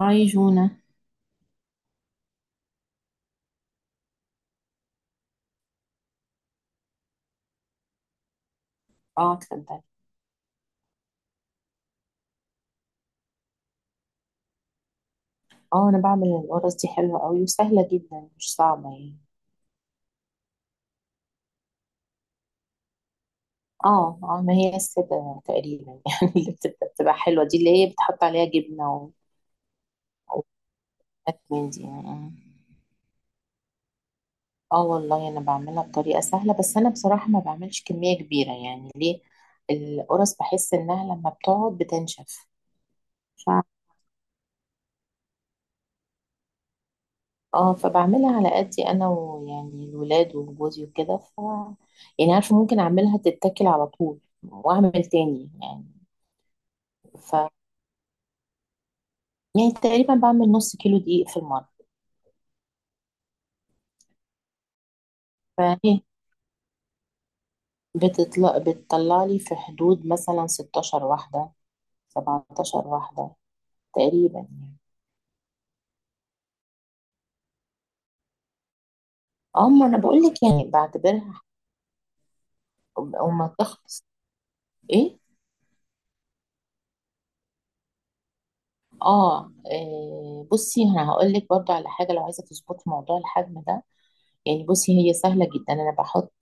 هاي جونا. اه، اتفضلي. اه، انا بعمل القرص دي حلوة قوي وسهلة جدا مش صعبة يعني. اه، اه، ما هي السادة تقريبا يعني اللي بتبقى حلوة، دي اللي هي بتحط عليها جبنة وحاجات من دي. اه، والله انا بعملها بطريقة سهلة، بس انا بصراحة ما بعملش كمية كبيرة يعني، ليه القرص بحس انها لما بتقعد بتنشف. اه، فبعملها على قدي انا، ويعني الولاد وجوزي وكده. يعني عارفه ممكن اعملها تتاكل على طول، واعمل تاني يعني. ف يعني تقريبا بعمل نص كيلو دقيق في المره. فهي بتطلع لي في حدود مثلا 16 واحده، 17 واحده تقريبا يعني. اه، ما انا بقول لك يعني بعتبرها. وما تخلص. ايه، اه، إيه، بصي انا هقول لك برضو على حاجه، لو عايزه تظبطي موضوع الحجم ده. يعني بصي هي سهلة جدا، أنا بحط،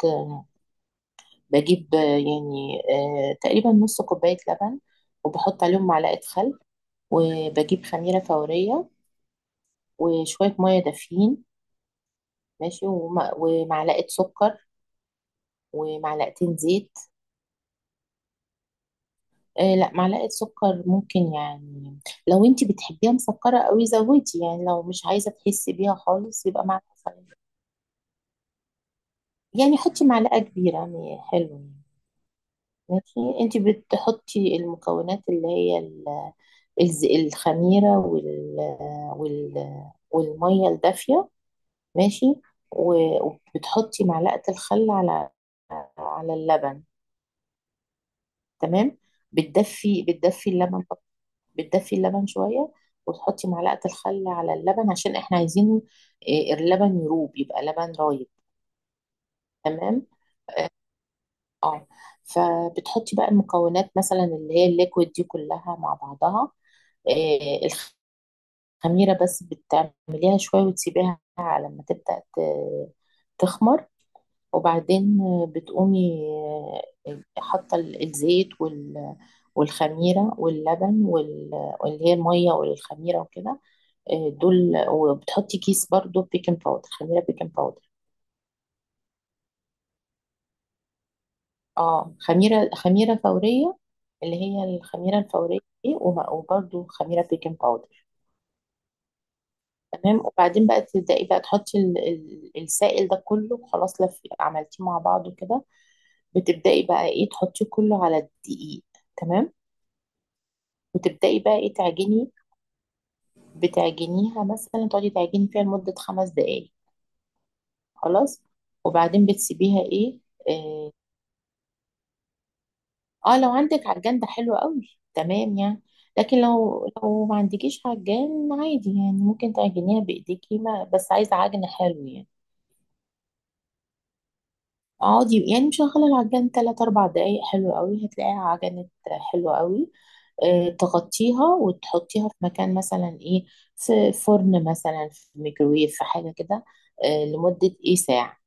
بجيب يعني، تقريبا نص كوباية لبن. وبحط عليهم معلقة خل. وبجيب خميرة فورية. وشوية مية دافيين. ماشي، ومعلقة سكر. ومعلقتين زيت. لا، معلقة سكر ممكن يعني. لو انتي بتحبيها مسكرة قوي زودي، يعني لو مش عايزة تحسي بيها خالص يبقى معلقة خل. يعني حطي معلقة كبيرة يعني، حلو يعني، ماشي. انتي بتحطي المكونات اللي هي الخميرة وال والمية الدافية. ماشي. وبتحطي معلقة الخل على اللبن. تمام. بتدفي اللبن. بتدفي اللبن شوية، وتحطي معلقة الخل على اللبن عشان احنا عايزين إيه، اللبن يروب يبقى لبن رايب. تمام. اه، فبتحطي بقى المكونات، مثلا اللي هي الليكويد دي كلها مع بعضها. إيه، خميرة بس بتعمليها شوية وتسيبيها على ما تبدأ تخمر. وبعدين بتقومي حاطة الزيت والخميرة واللبن واللي هي المية والخميرة وكده. دول. وبتحطي كيس برضو بيكنج باودر، خميرة بيكنج باودر. اه، خميرة فورية، اللي هي الخميرة الفورية دي. وبرضو خميرة بيكنج باودر. تمام. وبعدين بقى تبدأي بقى تحطي السائل ده كله. خلاص، لف عملتيه مع بعضه كده. بتبدأي بقى ايه، تحطيه كله على الدقيق. تمام. وتبدأي بقى ايه، تعجني. بتعجنيها مثلا، تقعدي تعجني فيها لمدة 5 دقايق. خلاص. وبعدين بتسيبيها ايه. اه, لو عندك عجان ده حلو قوي تمام يعني. لكن لو ما عندكيش عجان عادي يعني، ممكن تعجنيها بإيديكي، ما بس عايزة عجن حلو يعني. اقعدي يعني مشغلة العجان 3 4 دقايق، حلو قوي هتلاقيها عجنت، حلو قوي. تغطيها وتحطيها في مكان مثلا ايه، في فرن مثلا، في ميكرويف، في حاجة كده. لمدة ايه، ساعة.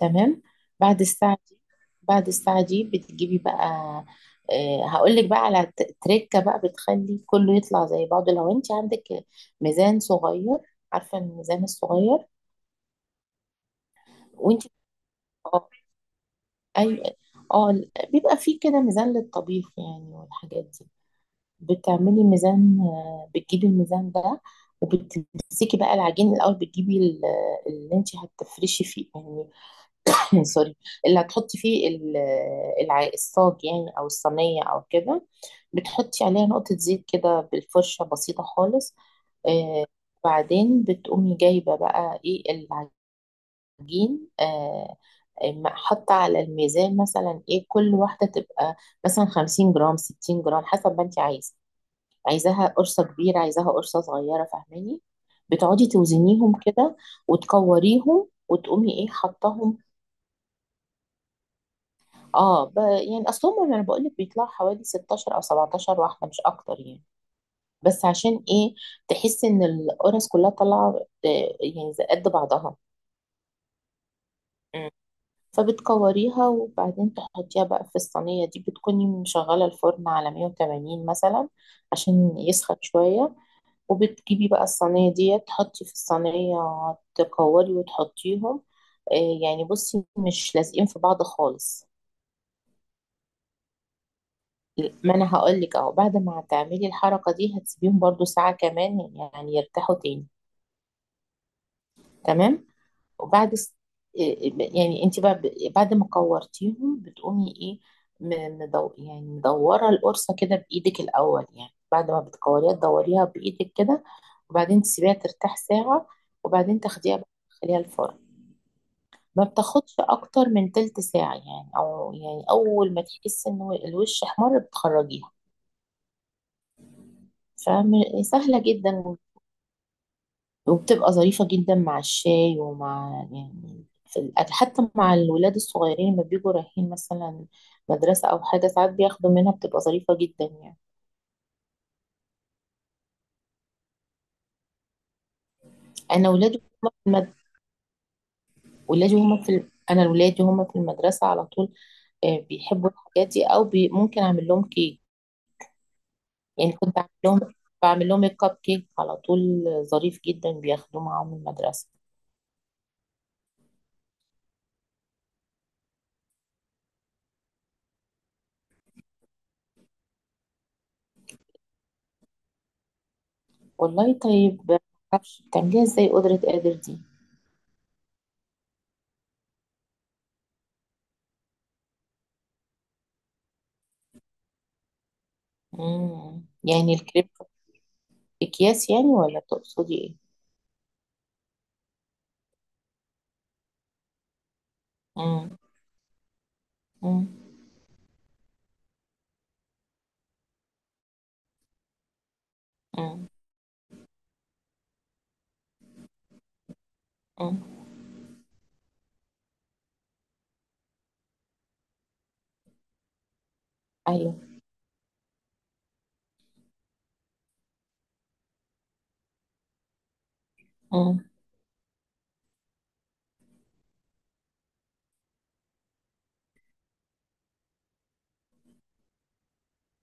تمام. بعد الساعة دي بعد الساعة دي بتجيبي بقى. هقولك بقى على تريكة بقى بتخلي كله يطلع زي بعضه. لو انت عندك ميزان صغير، عارفة الميزان الصغير. وانت، أيوة. اه، بيبقى فيه كده ميزان للطبيخ يعني، والحاجات دي بتعملي ميزان. بتجيبي الميزان ده وبتمسكي بقى العجين الأول. بتجيبي اللي انت هتفرشي فيه يعني، سوري، اللي هتحطي فيه الصاج يعني، أو الصينية أو كده. بتحطي عليها نقطة زيت كده بالفرشة بسيطة خالص. آه، بعدين بتقومي جايبة بقى ايه، جين، حاطة على الميزان مثلا ايه، كل واحدة تبقى مثلا 50 جرام، 60 جرام، حسب ما انت عايزة. عايزاها قرصة كبيرة، عايزاها قرصة صغيرة، فاهماني؟ بتقعدي توزنيهم كده وتكوريهم، وتقومي ايه، حطاهم. اه، يعني اصلهم انا بقول لك بيطلعوا حوالي 16 او 17 واحدة، مش اكتر يعني. بس عشان ايه، تحسي ان القرص كلها طالعة، يعني زي قد بعضها. فبتكوريها وبعدين تحطيها بقى في الصينية دي، بتكوني مشغلة الفرن على 180 مثلا عشان يسخن شوية. وبتجيبي بقى الصينية دي، تحطي في الصينية، تكوري وتحطيهم. يعني بصي مش لازقين في بعض خالص. ما انا هقولك اهو، بعد ما هتعملي الحركة دي هتسيبيهم برضو ساعة كمان يعني، يرتاحوا تاني. تمام. وبعد س- إيه، إيه، يعني انت بقى بعد ما كورتيهم بتقومي ايه، م- مدو يعني مدوره القرصه كده بايدك الاول، يعني بعد ما بتكوريها تدوريها بايدك كده. وبعدين تسيبيها ترتاح ساعه، وبعدين تاخديها بقى تدخليها الفرن. ما بتاخدش اكتر من تلت ساعه يعني، او يعني اول ما تحس ان الوش احمر بتخرجيها. فسهله جدا. وبتبقى ظريفة جدا مع الشاي، ومع يعني في الأكل، حتى مع الولاد الصغيرين لما بيجوا رايحين مثلا مدرسة أو حاجة، ساعات بياخدوا منها، بتبقى ظريفة جدا يعني. أنا ولادي هما في المد... ولادي هما في ال... أنا ولادي هما في المدرسة على طول. بيحبوا الحاجات دي، ممكن أعمل لهم كيك يعني. كنت أعمل لهم، بعمل لهم الكب كيك على طول، ظريف جدا بياخدوه معاهم المدرسة. والله طيب، معرفش بتعمليها ازاي قدرة قادر دي. مم. يعني الكريب، أكياس يعني، ولا تقصدي إيه؟ مم. مم. مم. مم. أيوه. مم.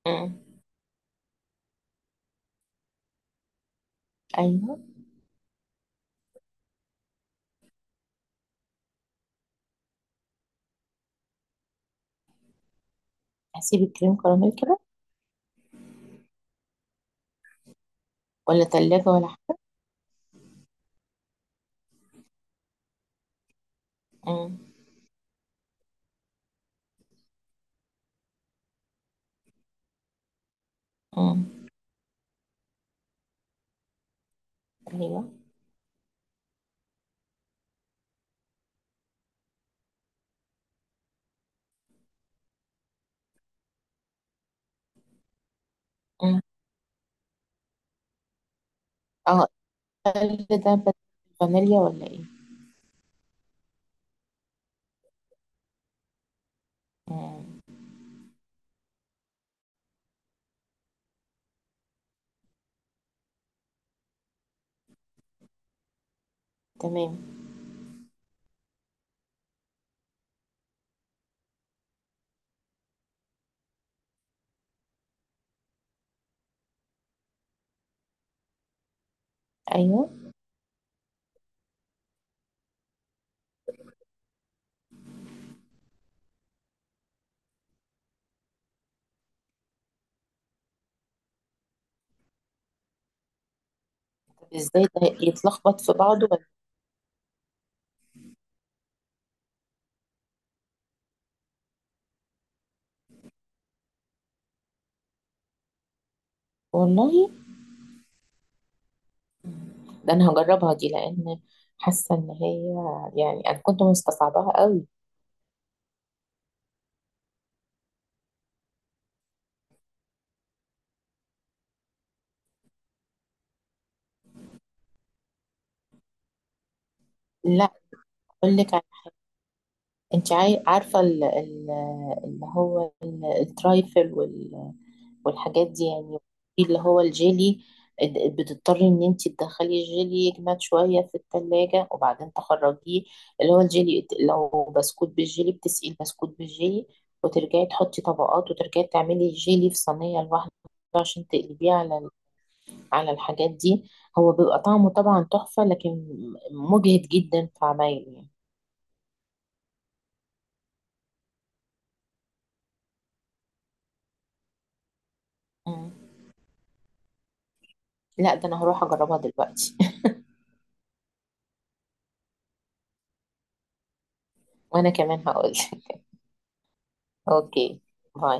مم. أيوه، هسيب الكريم كراميل كده. ولا تلاجة ولا حاجة؟ مم. مم. أيوه. مم. أه، التلج ده فانيليا ولا إيه؟ مم. تمام. أيوه. طب إزاي ده يتلخبط في بعضه ولا إيه؟ والله، ده أنا هجربها دي، لأن حاسة إن هي يعني، أنا كنت مستصعباها قوي. لا، أقول لك، انت عارفة الترايفل والحاجات دي يعني. في اللي هو الجيلي، بتضطري ان انت تدخلي الجيلي يجمد شوية في التلاجة، وبعدين تخرجيه. اللي هو الجيلي، لو بسكوت بالجيلي بتسقي البسكوت بالجيلي، وترجعي تحطي طبقات، وترجعي تعملي الجيلي في صينية لوحده عشان تقلبيه على على الحاجات دي. هو بيبقى طعمه طبعا تحفة، لكن مجهد جدا في عمايله يعني. مم. لا، ده انا هروح اجربها دلوقتي. وانا كمان هقول. اوكي. باي.